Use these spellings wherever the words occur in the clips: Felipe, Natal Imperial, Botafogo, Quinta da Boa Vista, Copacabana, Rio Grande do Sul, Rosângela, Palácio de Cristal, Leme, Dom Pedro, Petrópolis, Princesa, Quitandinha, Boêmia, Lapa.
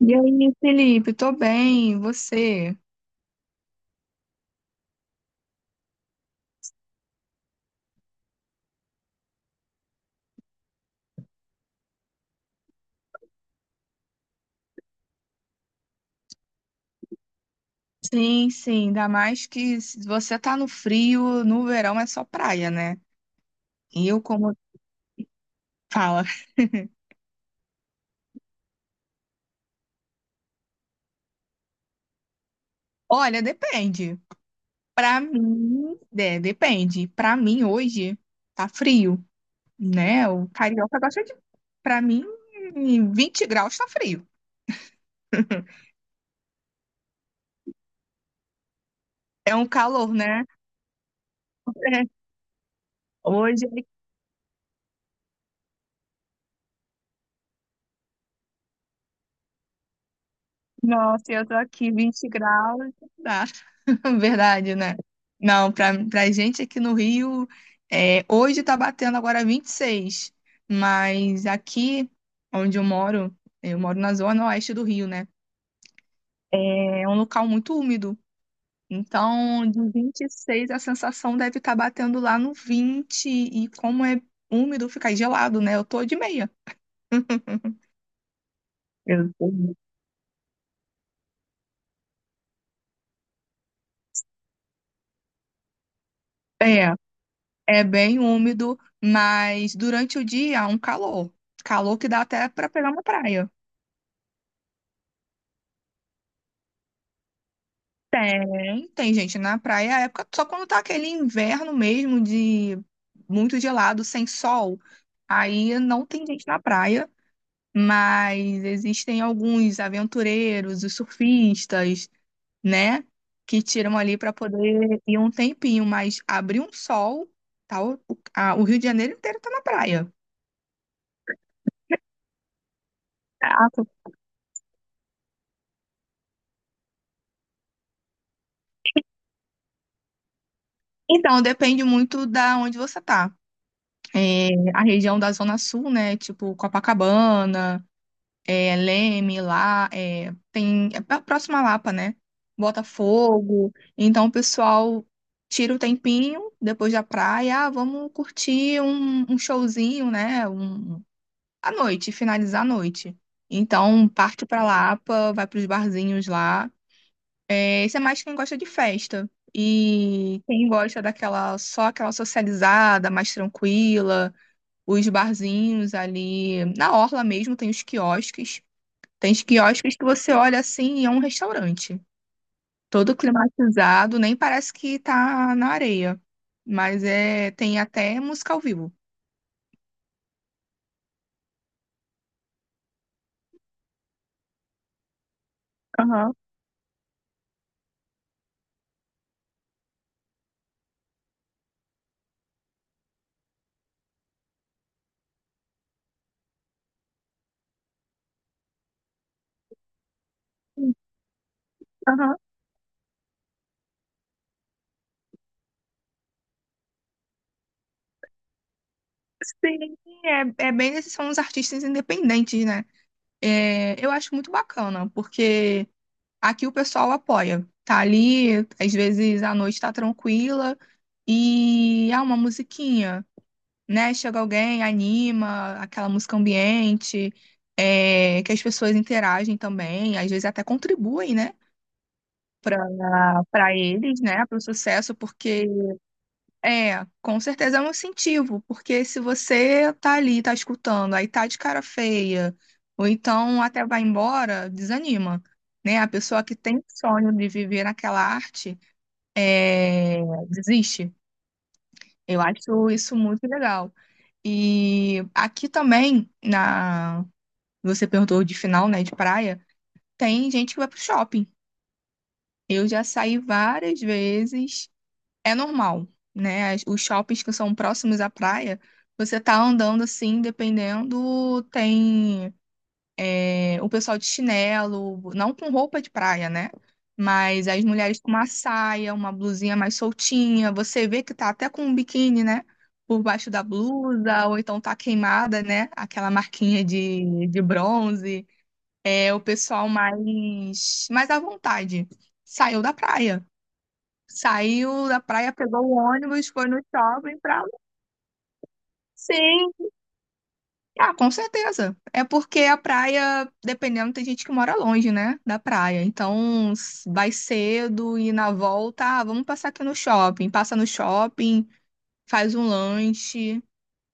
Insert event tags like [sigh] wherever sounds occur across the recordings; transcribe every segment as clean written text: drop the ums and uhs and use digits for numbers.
E aí, Felipe, tô bem, e você? Sim, sim, ainda mais que se você tá no frio, no verão é só praia, né? E eu como fala, [laughs] olha, depende. Pra mim, é, depende. Pra mim hoje tá frio, né? O carioca gosta de, pra mim, 20 graus tá frio. É um calor, né? [laughs] Hoje, nossa, eu tô aqui 20 graus, dá. [laughs] Verdade, né? Não, pra gente aqui no Rio, é, hoje tá batendo agora 26, mas aqui onde eu moro na zona oeste do Rio, né? É um local muito úmido. Então, de 26, a sensação deve estar batendo lá no 20, e como é úmido, fica gelado, né? Eu tô de meia. Eu tô- [laughs] É, é bem úmido, mas durante o dia, um calor. Calor que dá até pra pegar uma praia. Tem gente na praia, a época, só quando tá aquele inverno mesmo de muito gelado, sem sol, aí não tem gente na praia, mas existem alguns aventureiros, os surfistas, né, que tiram ali para poder ir um tempinho, mas abrir um sol, tá, o Rio de Janeiro inteiro tá na praia. Caraca. Então, depende muito da onde você tá. É, a região da Zona Sul, né, tipo Copacabana, é, Leme lá, é, tem é próxima à Lapa, né? Botafogo. Então o pessoal tira o tempinho depois da praia, ah, vamos curtir um showzinho, né? À noite, finalizar a noite. Então parte pra Lapa, vai pros barzinhos lá. É, isso é mais quem gosta de festa. E quem gosta daquela só aquela socializada, mais tranquila, os barzinhos ali na orla mesmo tem os quiosques. Tem quiosques que você olha assim e é um restaurante. Todo climatizado, nem parece que tá na areia. Mas é, tem até música ao vivo. Aham, aham. Sim, é, é bem esses são os artistas independentes, né? É, eu acho muito bacana, porque aqui o pessoal apoia. Tá ali, às vezes a noite tá tranquila e há uma musiquinha. Né? Chega alguém, anima, aquela música ambiente, é, que as pessoas interagem também, às vezes até contribuem, né? Para eles, né? Para o sucesso, porque é, com certeza é um incentivo, porque se você tá ali, tá escutando, aí tá de cara feia, ou então até vai embora, desanima. Né? A pessoa que tem sonho de viver naquela arte é, desiste. Eu acho isso muito legal. E aqui também, na você perguntou de final, né, de praia, tem gente que vai pro shopping. Eu já saí várias vezes. É normal, né? Os shoppings que são próximos à praia, você tá andando assim, dependendo, tem. É, o pessoal de chinelo, não com roupa de praia, né? Mas as mulheres com uma saia, uma blusinha mais soltinha, você vê que tá até com um biquíni, né? Por baixo da blusa, ou então tá queimada, né? Aquela marquinha de bronze. É o pessoal mais à vontade. Saiu da praia. Saiu da praia, pegou o ônibus, foi no shopping pra. Sim. Ah, com certeza. É porque a praia, dependendo, tem gente que mora longe, né, da praia. Então, vai cedo e na volta, ah, vamos passar aqui no shopping. Passa no shopping, faz um lanche,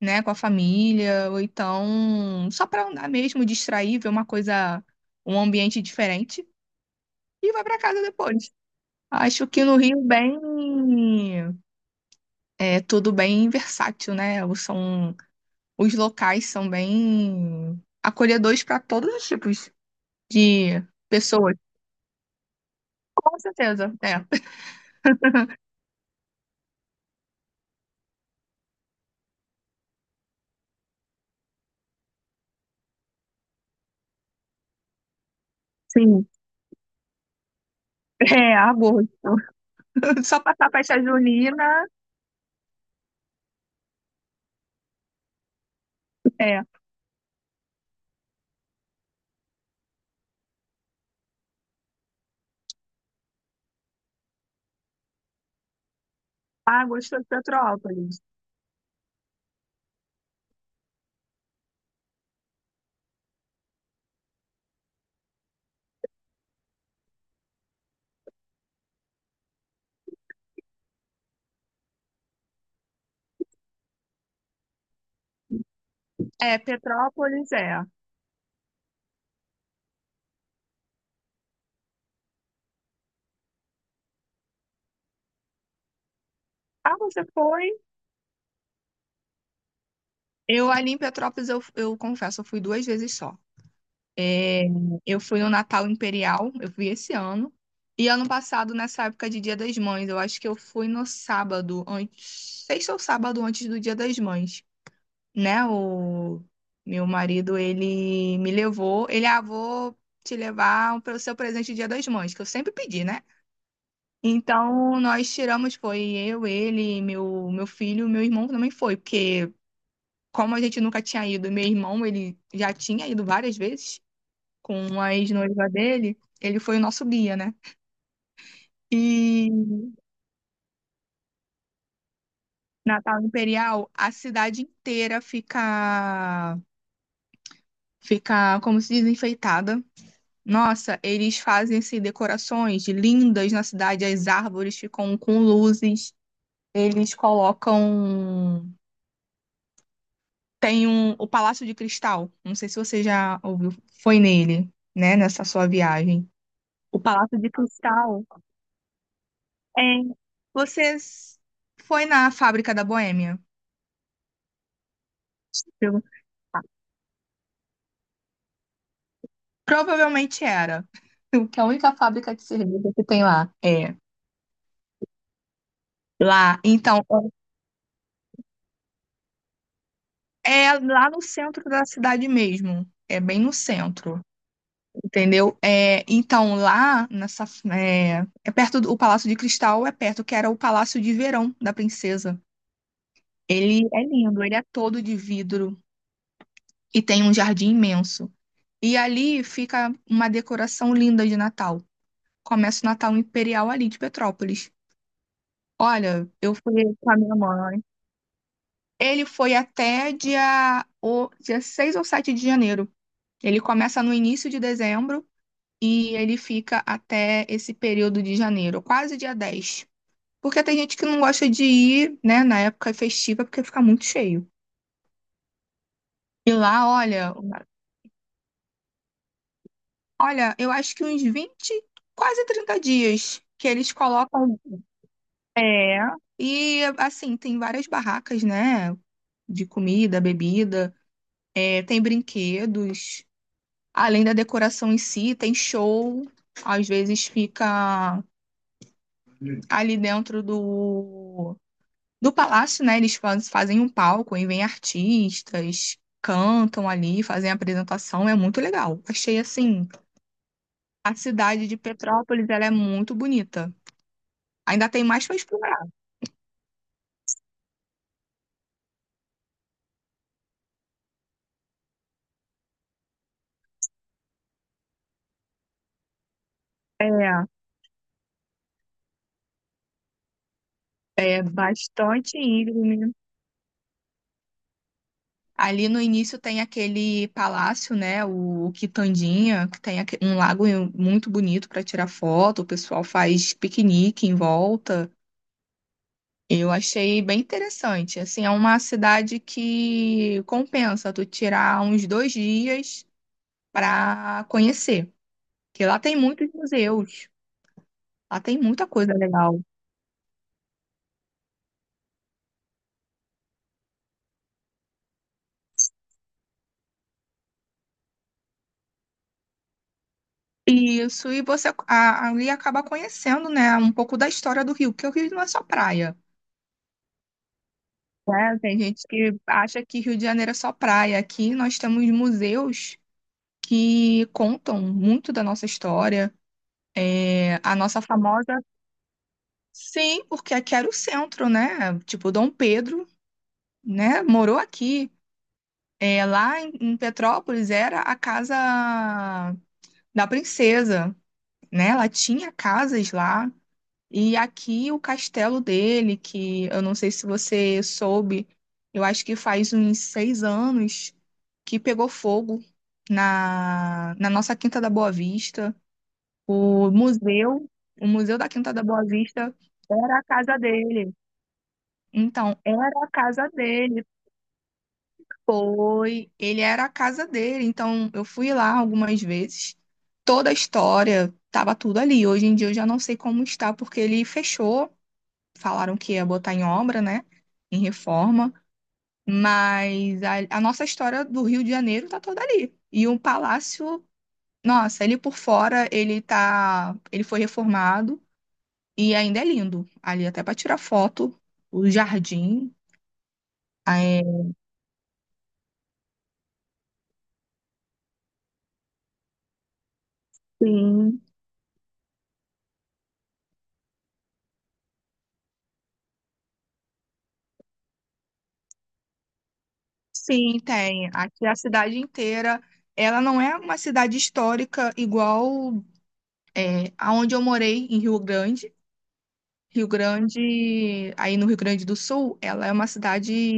né, com a família, ou então só pra andar mesmo, distrair, ver uma coisa, um ambiente diferente e vai pra casa depois. Acho que no Rio bem é tudo bem versátil, né? Os locais são bem acolhedores para todos os tipos. De pessoas. Com certeza, é. Sim. É, agosto. [laughs] Só passar a festa junina, é. Agosto é Petrópolis. É, Petrópolis é. Ah, você foi? Eu ali em Petrópolis, eu confesso, eu fui 2 vezes só. É, eu fui no Natal Imperial, eu fui esse ano. E ano passado, nessa época de Dia das Mães, eu acho que eu fui no sábado, antes, sexta ou sábado antes do Dia das Mães. Né, o meu marido, ele me levou, ele, ah, vou te levar para o seu presente de Dia das Mães, que eu sempre pedi, né? Então, nós tiramos, foi eu, ele, meu filho, meu irmão também foi, porque como a gente nunca tinha ido, meu irmão, ele já tinha ido várias vezes com a ex-noiva dele, ele foi o nosso guia, né? E Natal Imperial, a cidade inteira fica, como se diz, enfeitada. Nossa, eles fazem assim, decorações lindas na cidade, as árvores ficam com luzes, eles colocam. Tem um, o Palácio de Cristal, não sei se você já ouviu, foi nele, né, nessa sua viagem. O Palácio de Cristal. É. Você foi na fábrica da Boêmia? Eu- Provavelmente era. [laughs] Que é a única fábrica de cerveja que tem lá. É. Lá, então, é lá no centro da cidade mesmo. É bem no centro. Entendeu? É, então, lá nessa. É, é perto do o Palácio de Cristal, é perto, que era o Palácio de Verão da Princesa. Ele é lindo, ele é todo de vidro e tem um jardim imenso. E ali fica uma decoração linda de Natal. Começa o Natal Imperial ali de Petrópolis. Olha, eu fui com a minha mãe. Ele foi até dia 6 ou 7 de janeiro. Ele começa no início de dezembro e ele fica até esse período de janeiro, quase dia 10. Porque tem gente que não gosta de ir, né, na época festiva, porque fica muito cheio. E lá, olha, eu acho que uns 20 quase 30 dias que eles colocam. É. E assim, tem várias barracas, né? De comida, bebida, é, tem brinquedos, além da decoração em si, tem show. Às vezes fica ali dentro do palácio, né, eles fazem um palco e vêm artistas, cantam ali, fazem a apresentação, é muito legal. Achei assim, a cidade de Petrópolis, ela é muito bonita. Ainda tem mais para explorar. É, é bastante íngreme. Ali no início tem aquele palácio, né, o Quitandinha, que tem um lago muito bonito para tirar foto, o pessoal faz piquenique em volta. Eu achei bem interessante. Assim, é uma cidade que compensa tu tirar uns 2 dias para conhecer, porque lá tem muitos museus, lá tem muita coisa legal. Isso, e você ali acaba conhecendo, né, um pouco da história do Rio, porque o Rio não é só praia, né? Tem gente que acha que Rio de Janeiro é só praia. Aqui nós temos museus que contam muito da nossa história, é, a nossa famosa. Sim, porque aqui era o centro, né? Tipo, Dom Pedro, né? Morou aqui. É, lá em Petrópolis era a casa da princesa, né? Ela tinha casas lá. E aqui o castelo dele, que eu não sei se você soube, eu acho que faz uns 6 anos que pegou fogo na nossa Quinta da Boa Vista. O museu, o museu da Quinta da Boa Vista era a casa dele. Então, era a casa dele, foi, ele era a casa dele. Então, eu fui lá algumas vezes. Toda a história tava tudo ali. Hoje em dia eu já não sei como está, porque ele fechou. Falaram que ia botar em obra, né? Em reforma. Mas a nossa história do Rio de Janeiro tá toda ali. E o palácio, nossa, ele por fora, ele tá, ele foi reformado e ainda é lindo. Ali até para tirar foto, o jardim, é. Sim. Sim, tem. Aqui a cidade inteira, ela não é uma cidade histórica igual é, aonde eu morei em Rio Grande. Rio Grande, aí no Rio Grande do Sul, ela é uma cidade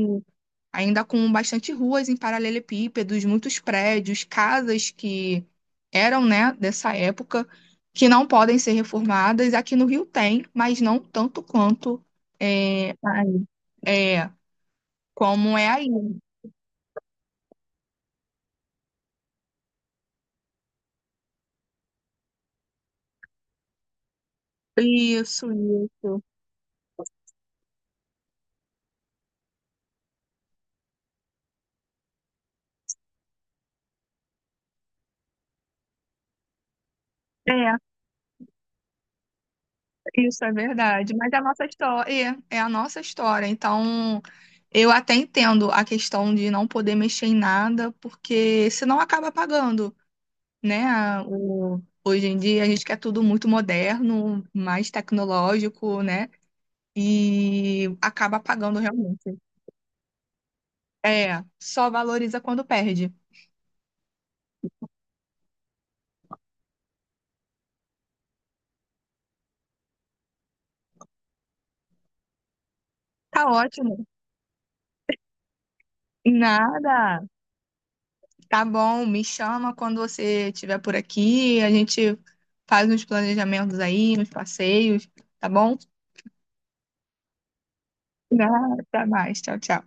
ainda com bastante ruas em paralelepípedos, muitos prédios, casas que eram, né, dessa época, que não podem ser reformadas. Aqui no Rio tem, mas não tanto quanto é, aí. É, como é aí. Isso, isso. É. Isso é verdade, mas é a nossa história, é a nossa história. Então, eu até entendo a questão de não poder mexer em nada, porque senão acaba pagando, né? Hoje em dia a gente quer tudo muito moderno, mais tecnológico, né? E acaba pagando realmente. É, só valoriza quando perde. Tá ótimo. Nada. Tá bom, me chama quando você estiver por aqui, a gente faz uns planejamentos aí, uns passeios, tá bom? Nada, até mais, tchau, tchau.